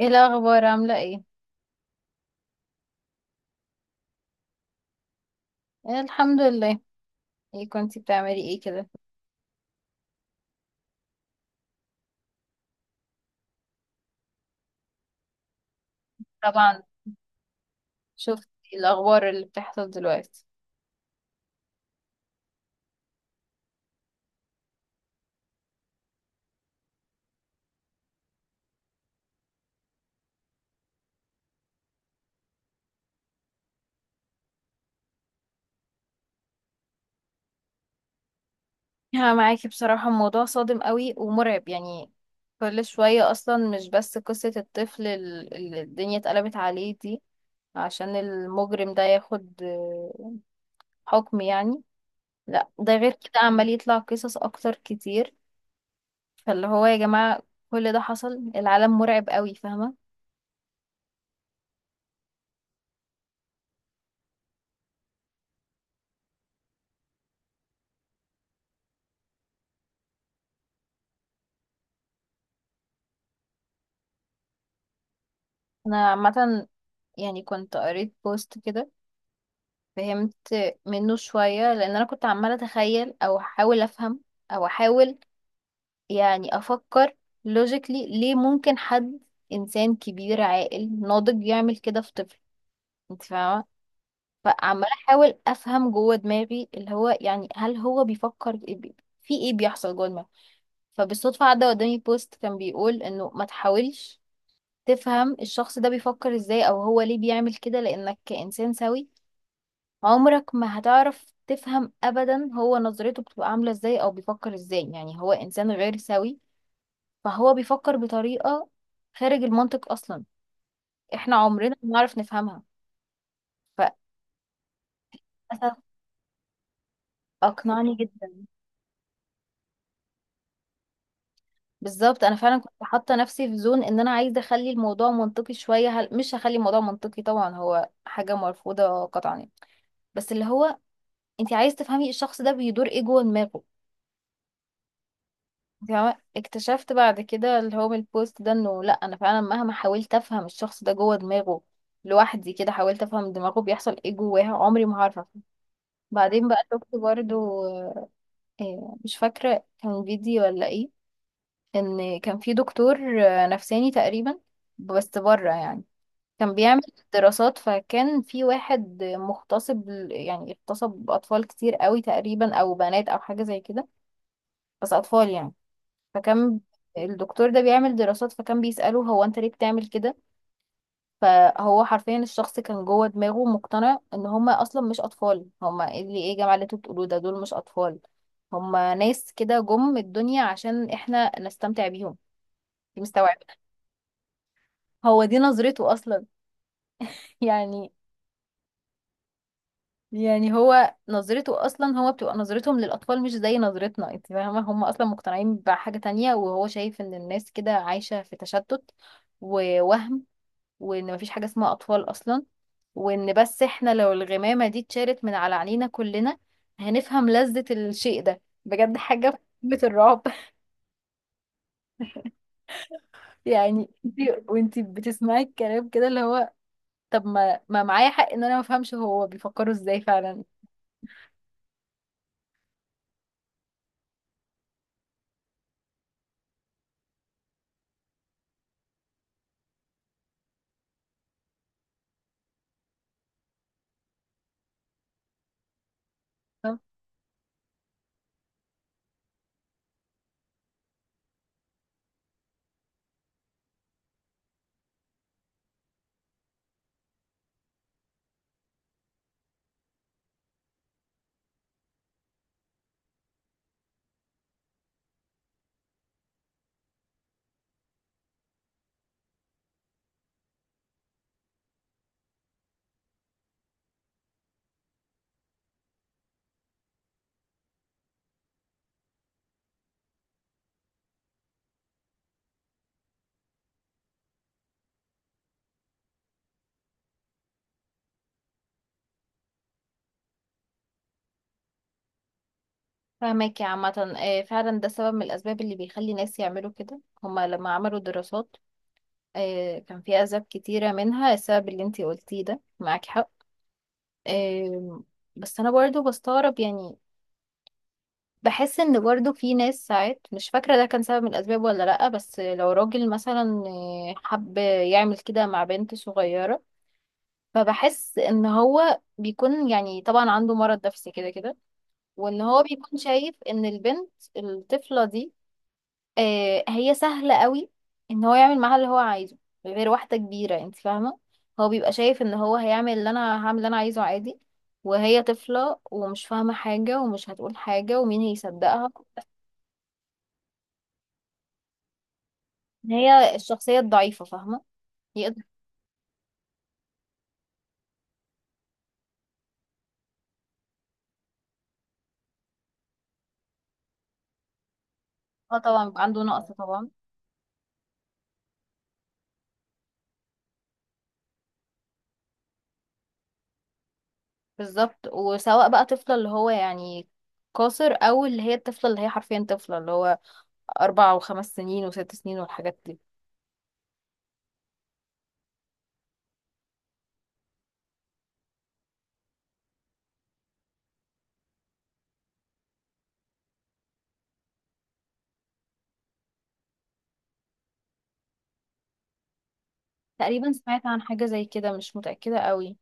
ايه الاخبار؟ عامله ايه؟ إيه، الحمد لله. ايه كنتي بتعملي ايه كده؟ طبعا. شفت الاخبار اللي بتحصل دلوقتي؟ ها، معاكي بصراحه، الموضوع صادم قوي ومرعب يعني. كل شويه اصلا، مش بس قصه الطفل اللي الدنيا اتقلبت عليه دي عشان المجرم ده ياخد حكم يعني. لا، ده غير كده عمال يطلع قصص اكتر كتير. فاللي هو يا جماعه، كل ده حصل، العالم مرعب قوي، فاهمه. انا عامه يعني كنت قريت بوست كده، فهمت منه شوية، لأن أنا كنت عمالة أتخيل أو أحاول أفهم أو أحاول يعني أفكر لوجيكلي ليه ممكن حد إنسان كبير عاقل ناضج يعمل كده في طفل، أنت فاهمة. فعمالة أحاول أفهم جوه دماغي اللي هو، يعني هل هو بيفكر في إيه، في إيه بيحصل جوه دماغه. فبالصدفة عدى قدامي بوست كان بيقول إنه ما تحاولش تفهم الشخص ده بيفكر إزاي أو هو ليه بيعمل كده، لأنك كإنسان سوي عمرك ما هتعرف تفهم ابدا، هو نظرته بتبقى عامله ازاي او بيفكر ازاي، يعني هو انسان غير سوي، فهو بيفكر بطريقه خارج المنطق اصلا، احنا عمرنا ما نعرف نفهمها. فللاسف اقنعني جدا. بالظبط، انا فعلا كنت حاطه نفسي في زون ان انا عايزه اخلي الموضوع منطقي شويه، مش هخلي الموضوع منطقي، طبعا هو حاجه مرفوضه قطعا يعني. بس اللي هو انت عايز تفهمي الشخص ده بيدور ايه جوه دماغه. تمام، اكتشفت بعد كده اللي هو من البوست ده انه لا، انا فعلا مهما حاولت افهم الشخص ده جوه دماغه لوحدي كده، حاولت افهم دماغه بيحصل ايه جواها، عمري ما هعرف أفهم. بعدين بقى شفت برضو، مش فاكرة كان فيديو ولا ايه، ان كان في دكتور نفساني تقريبا بس بره يعني، كان بيعمل دراسات، فكان في واحد مغتصب يعني اغتصب اطفال كتير قوي تقريبا، او بنات او حاجة زي كده بس اطفال يعني. فكان الدكتور ده بيعمل دراسات، فكان بيسأله هو انت ليه بتعمل كده، فهو حرفيا الشخص كان جوه دماغه مقتنع ان هما اصلا مش اطفال، هما إيه اللي ايه يا جماعة اللي انتوا بتقولوه ده، دول مش اطفال، هما ناس كده جم الدنيا عشان احنا نستمتع بيهم، دي مستوعب. هو دي نظرته اصلا يعني. يعني هو نظرته اصلا، هو بتبقى نظرتهم للاطفال مش زي نظرتنا، انت فاهمه، هم اصلا مقتنعين بحاجه تانية، وهو شايف ان الناس كده عايشه في تشتت ووهم، وان مفيش حاجة اسمها اطفال اصلا، وان بس احنا لو الغمامة دي اتشالت من على عينينا كلنا هنفهم لذة الشيء ده بجد، حاجة في قمة الرعب. يعني انتي، وانتي بتسمعي الكلام كده اللي هو، طب ما معايا حق ان انا ما افهمش هو بيفكروا ازاي فعلا. فاهمك يا عامة، فعلا ده سبب من الأسباب اللي بيخلي ناس يعملوا كده. هما لما عملوا دراسات كان في أسباب كتيرة منها السبب اللي انتي قلتيه ده، معاك حق. آم، بس أنا برضو بستغرب يعني، بحس ان برضو في ناس ساعات، مش فاكرة ده كان سبب من الاسباب ولا لأ، بس لو راجل مثلا حب يعمل كده مع بنت صغيرة فبحس ان هو بيكون، يعني طبعا عنده مرض نفسي كده كده، وان هو بيكون شايف ان البنت الطفلة دي هي سهلة قوي ان هو يعمل معاها اللي هو عايزه، غير واحدة كبيرة، انت فاهمة، هو بيبقى شايف ان هو هيعمل اللي انا هعمل اللي انا عايزه عادي، وهي طفلة ومش فاهمة حاجة ومش هتقول حاجة ومين هيصدقها، هي الشخصية الضعيفة، فاهمة. يقدر، اه طبعا، يبقى عنده نقص طبعا. بالظبط، وسواء بقى طفلة اللي هو يعني قاصر، او اللي هي الطفلة اللي هي حرفيا طفلة اللي هو 4 و5 سنين وست سنين والحاجات دي. تقريبا سمعت عن حاجة زي كده، مش متأكدة قوي.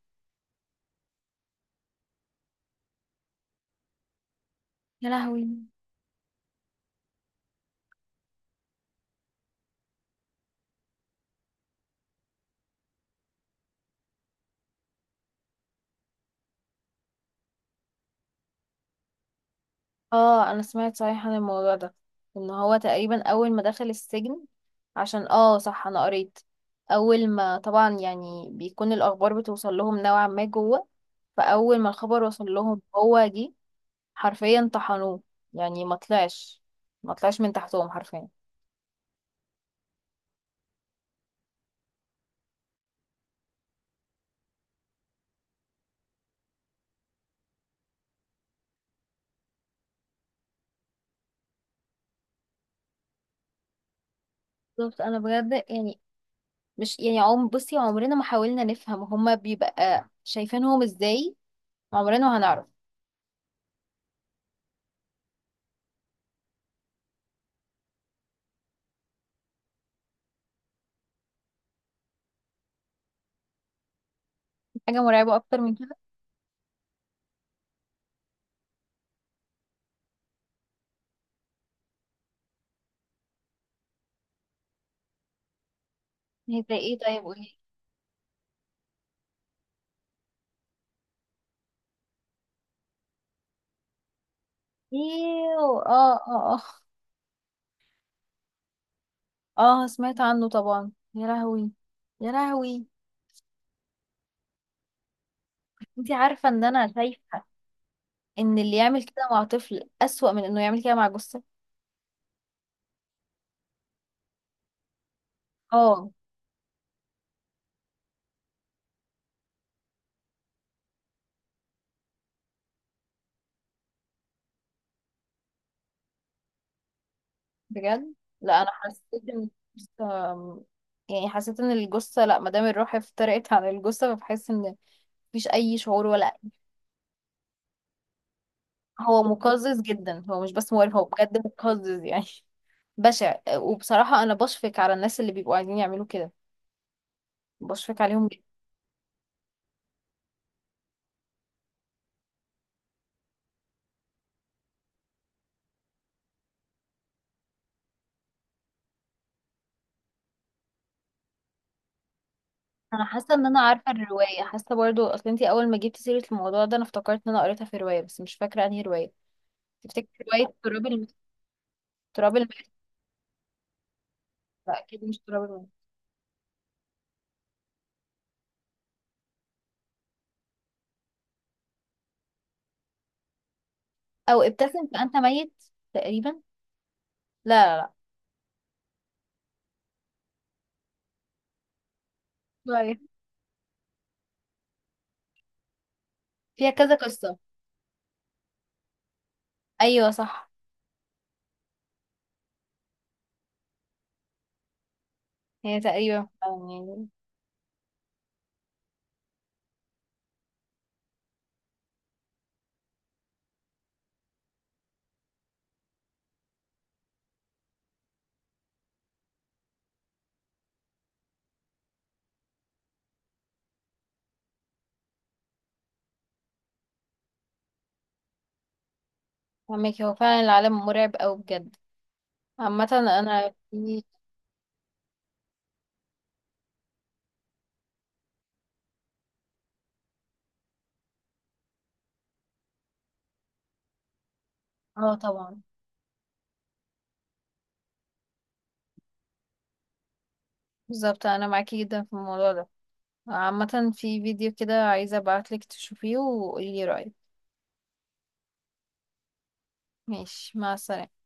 يا لهوي. اه، انا سمعت صحيح عن الموضوع ده، ان هو تقريبا اول ما دخل السجن، عشان اه صح، انا قريت، اول ما طبعا يعني بيكون الاخبار بتوصل لهم نوعا ما جوه، فاول ما الخبر وصل لهم هو جه حرفيا طحنوه، يعني ما طلعش من تحتهم حرفيا. بالظبط، انا بجد يعني، مش يعني عم بصي، عمرنا ما حاولنا نفهم هما بيبقى شايفينهم ازاي، عمرنا ما هنعرف. حاجة مرعبة اكتر من كده؟ هي زي ايه؟ طيب قولي. ايوه، اه، اه. اه، اه، سمعت عنه طبعا، يا لهوي، يا لهوي. انتي عارفة ان انا شايفة ان اللي يعمل كده مع طفل اسوأ من انه يعمل كده مع جثة. اه، بجد. لا، انا حسيت ان الجثة- يعني حسيت ان الجثه لا، ما دام الروح افترقت عن الجثه فبحس ان مفيش اي شعور ولا. هو مقزز جدا، هو مش بس مقرف، هو بجد مقزز يعني بشع. وبصراحه انا بشفق على الناس اللي بيبقوا عايزين يعملوا كده، بشفق عليهم جدا. انا حاسه ان انا عارفه الروايه، حاسه برضو، اصل انتي اول ما جبتي سيره الموضوع ده انا افتكرت ان انا قريتها في روايه، بس مش فاكره انهي روايه. تفتكر روايه تراب الماس؟ لا، اكيد مش تراب الماس. او ابتسم فانت ميت؟ تقريبا. لا، لا، لا. طيب، فيها كذا قصة. ايوه، صح. هي تقريبا فعلا يعني. فهمك، هو فعلا العالم مرعب اوي بجد. عامة انا في. اه طبعا. بالظبط، انا معاكي جدا في الموضوع ده. عامة في فيديو كده عايزة ابعتلك تشوفيه وقولي رأيك. ماشي، مع السلامة.